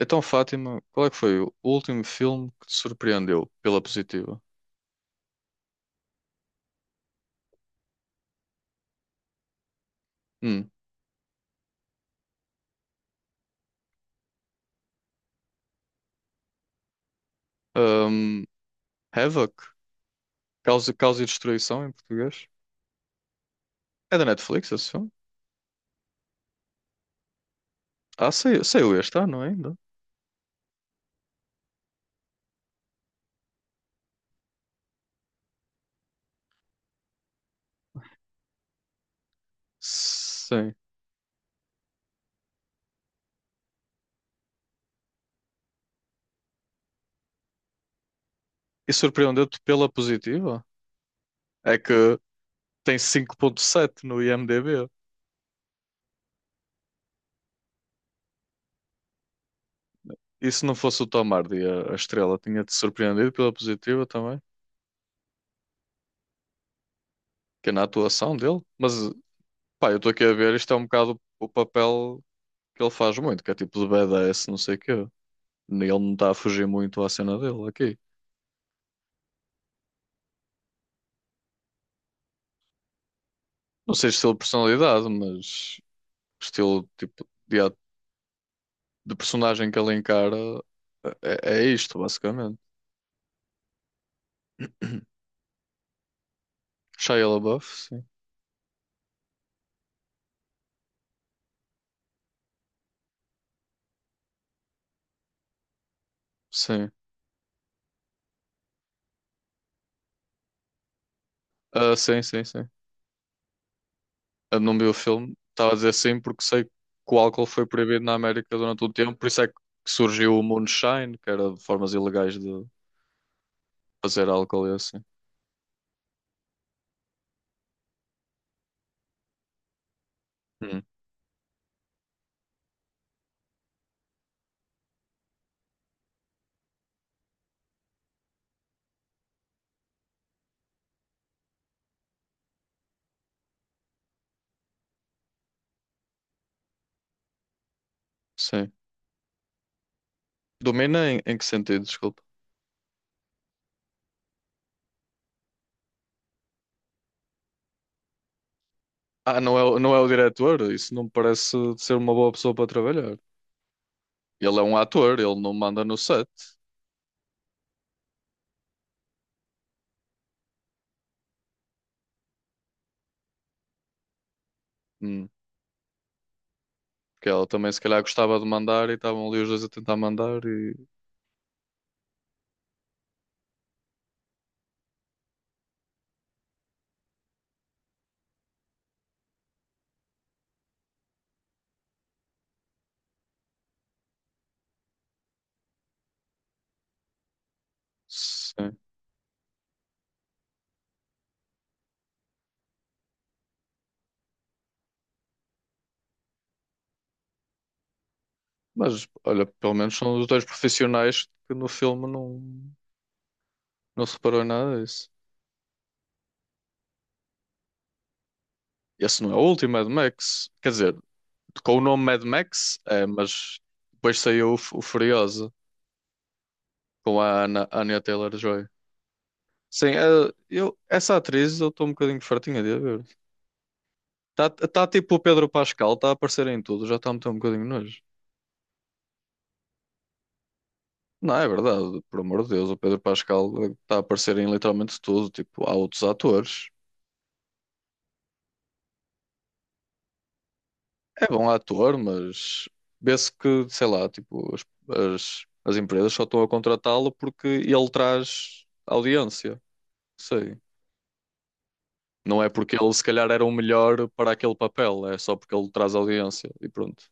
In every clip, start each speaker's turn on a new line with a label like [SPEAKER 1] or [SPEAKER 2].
[SPEAKER 1] Então, Fátima, qual é que foi o último filme que te surpreendeu pela positiva? Hum. Hum. Havoc? Causa, Causa e Destruição em português? É da Netflix esse filme? Ah, saiu este ano ainda? Sim. E surpreendeu-te pela positiva? É que tem 5.7 no IMDb. E se não fosse o Tom Hardy, a estrela tinha-te surpreendido pela positiva também? Que é na atuação dele? Mas, pá, eu estou aqui a ver, isto é um bocado o papel, que ele faz muito, que é tipo de badass, não sei o quê. Ele não está a fugir muito à cena dele aqui. Não sei estilo de personalidade, mas estilo tipo de, de personagem que ele encara é, é isto, basicamente. Shia LaBeouf, sim. Sim. Ah, sim, sim, sim. Eu não vi o filme. Estava a dizer sim porque sei que o álcool foi proibido na América durante um tempo, por isso é que surgiu o moonshine, que era de formas ilegais de fazer álcool e assim. Hum, Sim. Domina em, em que sentido? Desculpa. Ah, não é o diretor? Isso não me parece ser uma boa pessoa para trabalhar. Ele é um ator, ele não manda no set. Hum, que ela também se calhar gostava de mandar e estavam ali os dois a tentar mandar e... Sim. Mas, olha, pelo menos são os dois profissionais que no filme não, não se reparou em nada disso. Esse não é o último Mad Max. Quer dizer, com o nome Mad Max, é, mas depois saiu o, o Furiosa com a Anya Taylor-Joy. Sim, eu, essa atriz eu estou um bocadinho fartinha de a ver. Está, tipo o Pedro Pascal, está a aparecer em tudo, já está a meter um bocadinho de nojo. Não, é verdade, por amor de Deus, o Pedro Pascal está a aparecer em literalmente tudo. Tipo, há outros atores. É bom ator, mas vê-se que, sei lá, tipo, as empresas só estão a contratá-lo porque ele traz audiência. Sei. Não é porque ele se calhar era o melhor para aquele papel, é só porque ele traz audiência e pronto.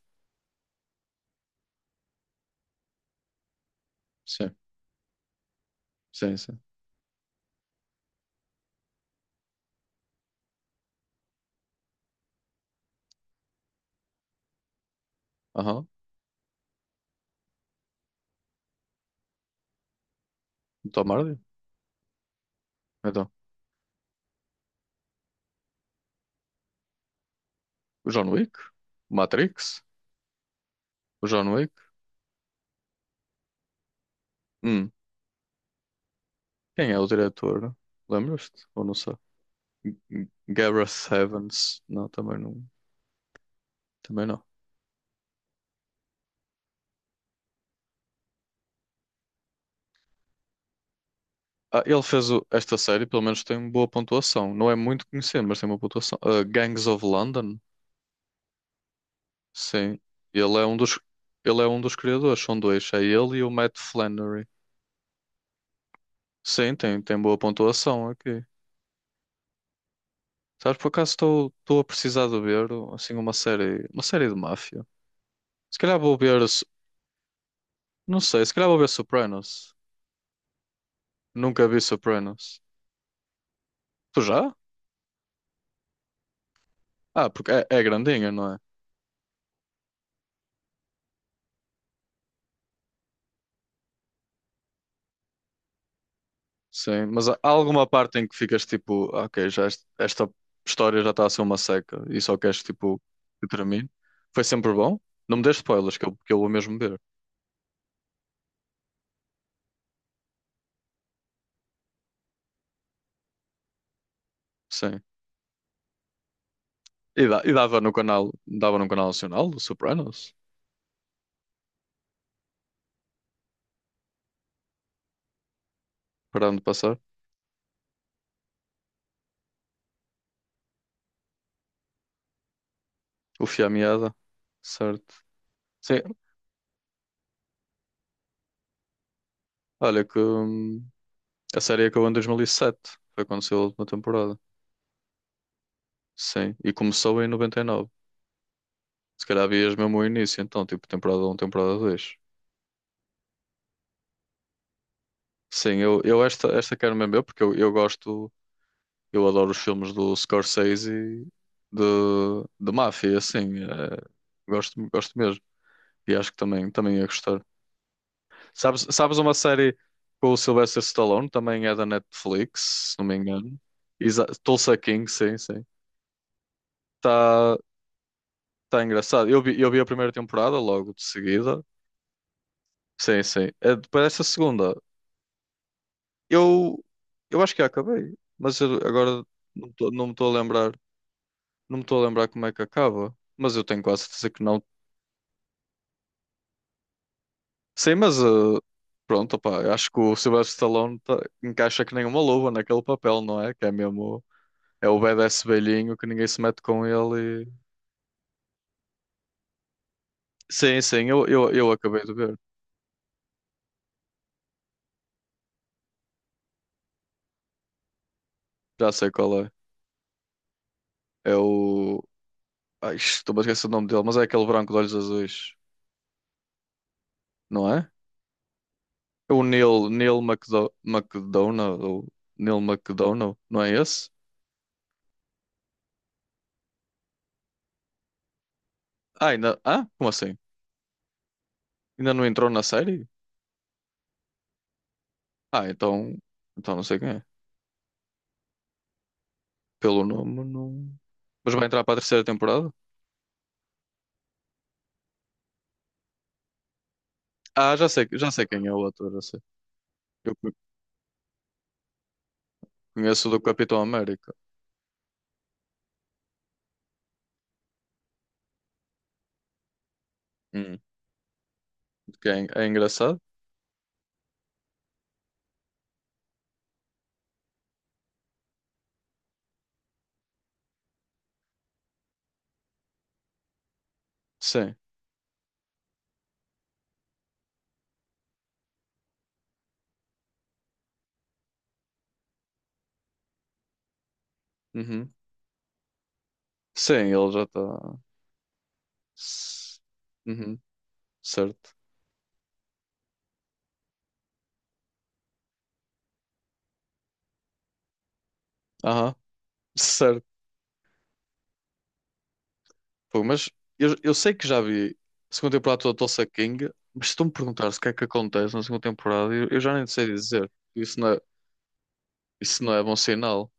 [SPEAKER 1] Sim, sim, sim. Aham. Tom Hardy? Então, o John Wick? O Matrix? O John Wick? Hum, Quem é o diretor? Lembras-te? Ou não sei. Gareth Evans. Não, também não. Também não. Ah, esta série, pelo menos tem boa pontuação. Não é muito conhecido, mas tem uma pontuação. Ah, Gangs of London. Sim. Ele é um dos, ele é um dos criadores. São dois. É ele e o Matt Flannery. Sim, tem, tem boa pontuação aqui. Sabes, por acaso estou a precisar de ver assim uma série de máfia. Se calhar vou ver, não sei, se calhar vou ver Sopranos. Nunca vi Sopranos. Tu já? Ah, porque é, é grandinha, não é? Sim, mas há alguma parte em que ficas tipo, ok, esta história já está a ser uma seca e só queres tipo que termine? Foi sempre bom? Não me dês spoilers, que eu vou mesmo ver. Sim. E, e dava no canal nacional, do Sopranos, para onde passar. O Fio à Meada. Certo. Sim, olha que, a série acabou em 2007, foi quando saiu a última temporada. Sim, e começou em 99. Se calhar vias mesmo o início, então, tipo, temporada um, temporada 2. Sim, esta quero mesmo eu, porque eu gosto, eu adoro os filmes do Scorsese e de, de máfia, assim, eh, gosto, gosto mesmo, e acho que também, também ia gostar. Sabes, sabes uma série com o Sylvester Stallone, também é da Netflix, se não me engano, Exa Tulsa King, sim, sim, está tá engraçado, eu vi a primeira temporada logo de seguida, sim, sim. Eh, depois dessa segunda, eu, eu acho que acabei, mas eu agora não me estou a lembrar. Não me estou a lembrar como é que acaba, mas eu tenho quase certeza que não. Sim, mas eh, pronto, opá, eu acho que o encaixa que nem uma luva naquele papel, não é? Que é mesmo, é o badass velhinho que ninguém se mete com ele. E- Sim, sim, eu acabei de ver, já sei qual é. É o. Ai, estou a esquecer o nome dele, mas é aquele branco de olhos azuis, não é? É o Neil McDonough, ou Neil McDonough, não é esse? Ah, ainda... ah, como assim? Ainda não entrou na série? Ah, então, então não sei quem é. Pelo nome, não. Mas vai entrar para a terceira temporada? Ah, já sei quem é o ator, já sei. Eu co- Conheço o do Capitão América. Hum. Que é, é engraçado? Sim. Uhum. Sim, ele já está. S- Uhum. Certo. Aham. Certo. Pô, mas eu sei que já vi a segunda temporada toda do Tulsa King, mas se tu me perguntares o que é que acontece na segunda temporada, eu já nem sei dizer. Isso não é bom sinal.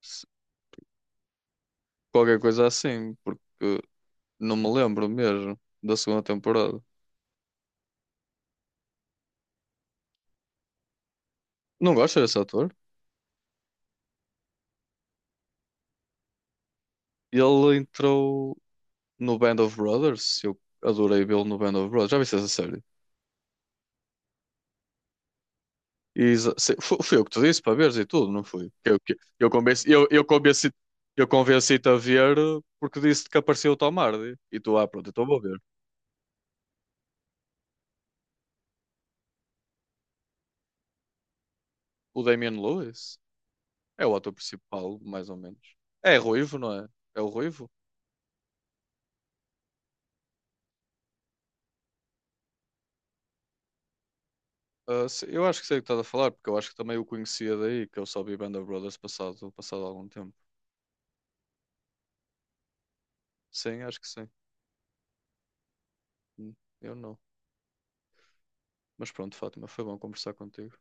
[SPEAKER 1] Se- Qualquer coisa é assim, porque. Não me lembro mesmo da segunda temporada. Não gosto desse ator? Ele entrou no Band of Brothers. Eu adorei vê-lo no Band of Brothers. Já viste essa série? E foi eu que te disse para veres e tudo, não foi? Eu, que- eu convenci, eu convenci-te a ver porque disse que apareceu o Tom Hardy. E tu, ah, pronto, então vou ver. O Damian Lewis é o ator principal, mais ou menos. É ruivo, não é? É o ruivo? Ah, eu acho que sei o que estás a falar, porque eu acho que também o conhecia daí, que eu só vi Band of Brothers passado, passado algum tempo. Sim, acho que sim. Hum, Eu não. Mas pronto, Fátima, foi bom conversar contigo.